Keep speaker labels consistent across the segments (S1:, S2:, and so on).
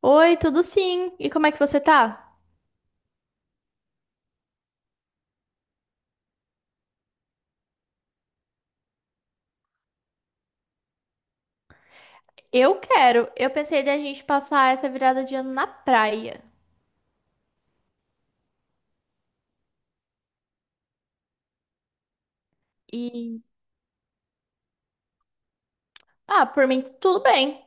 S1: Oi, tudo sim? E como é que você tá? Eu quero. Eu pensei da gente passar essa virada de ano na praia. E por mim tudo bem.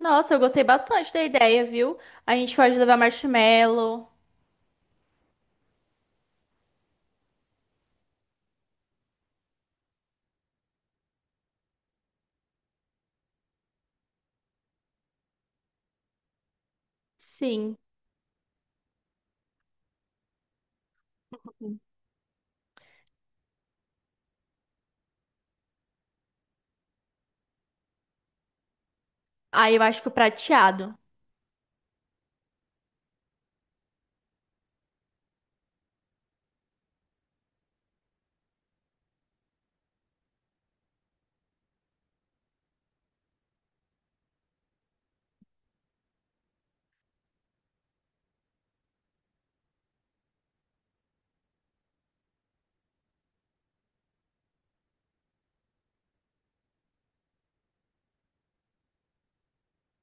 S1: Nossa, eu gostei bastante da ideia, viu? A gente pode levar marshmallow. Sim. Ah, eu acho que o prateado.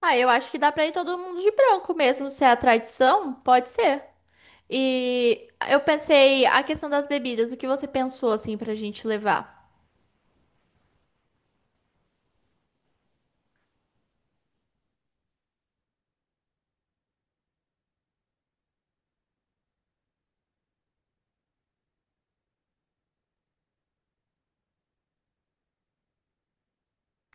S1: Ah, eu acho que dá pra ir todo mundo de branco mesmo, se é a tradição, pode ser. E eu pensei a questão das bebidas, o que você pensou assim pra gente levar?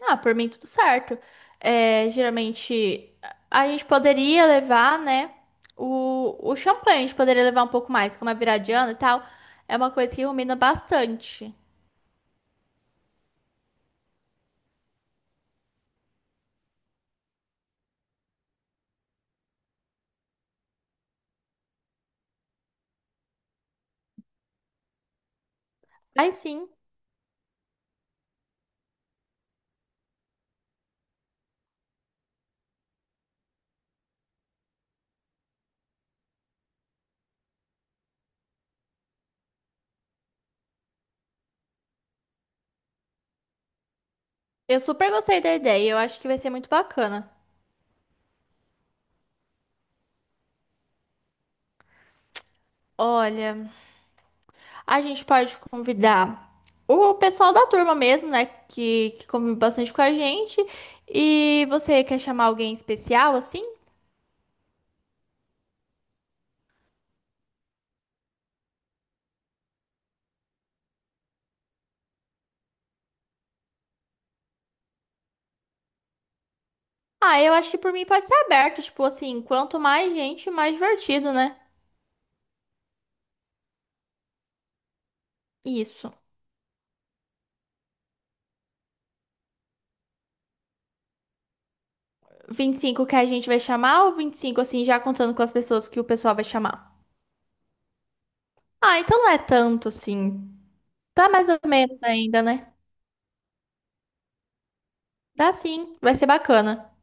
S1: Ah, por mim tudo certo. É, geralmente a gente poderia levar, né, o champanhe, a gente poderia levar um pouco mais, como é viradiano e tal. É uma coisa que combina bastante. Mas sim, eu super gostei da ideia, eu acho que vai ser muito bacana. Olha, a gente pode convidar o pessoal da turma mesmo, né, que convive bastante com a gente. E você quer chamar alguém especial, assim? Ah, eu acho que por mim pode ser aberto, tipo assim, quanto mais gente, mais divertido, né? Isso. 25 que a gente vai chamar ou 25 assim, já contando com as pessoas que o pessoal vai chamar? Ah, então não é tanto, assim. Tá mais ou menos ainda, né? Dá sim, vai ser bacana.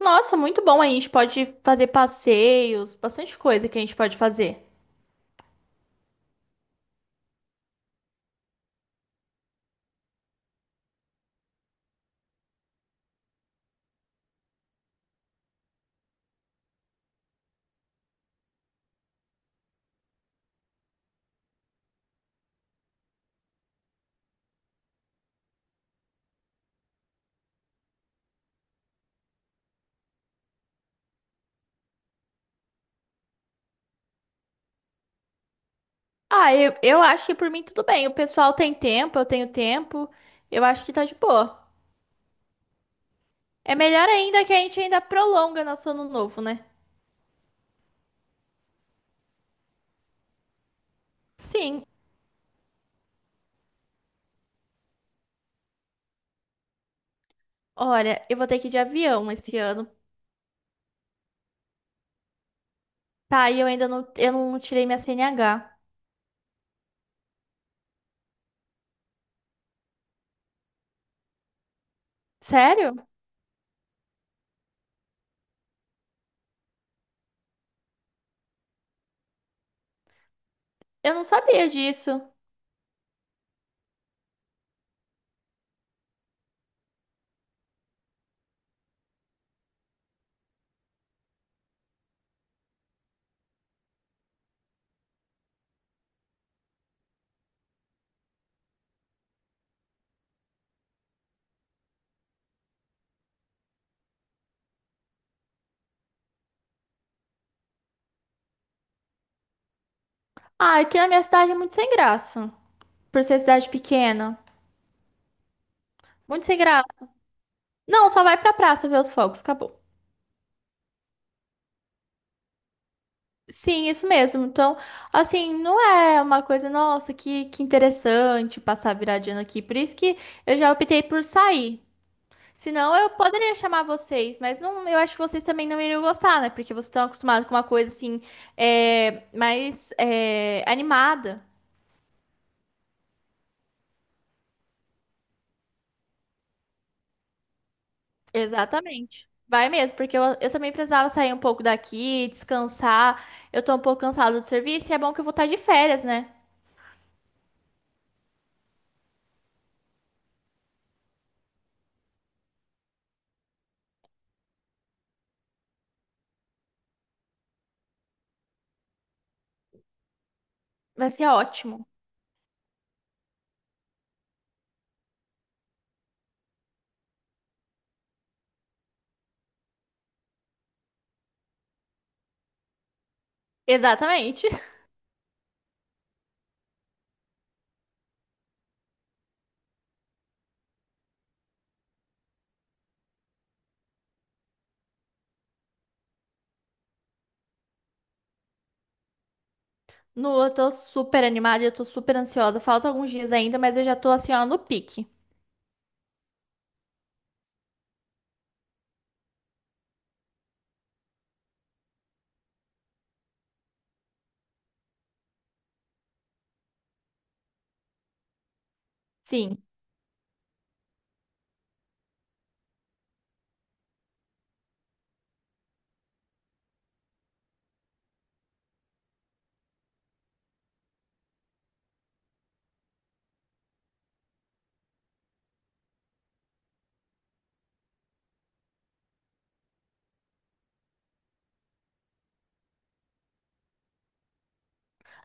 S1: Nossa, muito bom. A gente pode fazer passeios, bastante coisa que a gente pode fazer. Ah, eu acho que por mim tudo bem. O pessoal tem tempo, eu tenho tempo. Eu acho que tá de boa. É melhor ainda que a gente ainda prolonga nosso ano novo, né? Sim. Olha, eu vou ter que ir de avião esse ano. Tá, e eu ainda não, eu não tirei minha CNH. Sério? Eu não sabia disso. Ah, aqui na minha cidade é muito sem graça. Por ser cidade pequena. Muito sem graça. Não, só vai pra praça ver os fogos, acabou. Sim, isso mesmo. Então, assim, não é uma coisa, nossa, que interessante passar viradinha aqui. Por isso que eu já optei por sair. Senão eu poderia chamar vocês, mas não, eu acho que vocês também não iriam gostar, né? Porque vocês estão acostumados com uma coisa assim, é, mais é, animada. Exatamente. Vai mesmo, porque eu também precisava sair um pouco daqui, descansar. Eu tô um pouco cansada do serviço e é bom que eu vou estar de férias, né? Vai ser ótimo. Exatamente. No, eu tô super animada, eu tô super ansiosa. Falta alguns dias ainda, mas eu já tô assim, ó, no pique. Sim.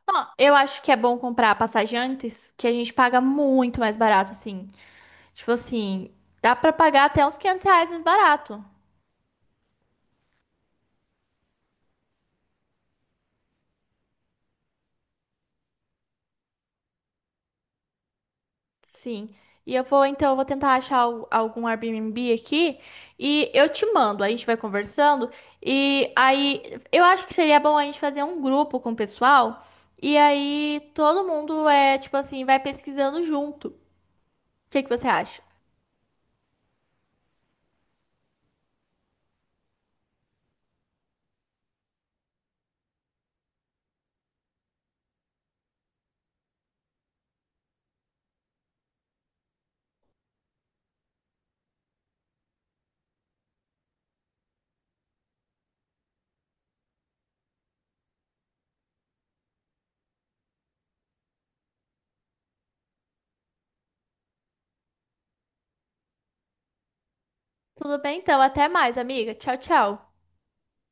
S1: Ó, eu acho que é bom comprar a passagem antes, que a gente paga muito mais barato, assim. Tipo assim, dá pra pagar até uns R$ 500 mais barato. Sim. E eu vou, então, eu vou tentar achar algum Airbnb aqui e eu te mando, a gente vai conversando. E aí, eu acho que seria bom a gente fazer um grupo com o pessoal e aí todo mundo é, tipo assim, vai pesquisando junto. O que que você acha? Tudo bem, então, até mais, amiga. Tchau, tchau.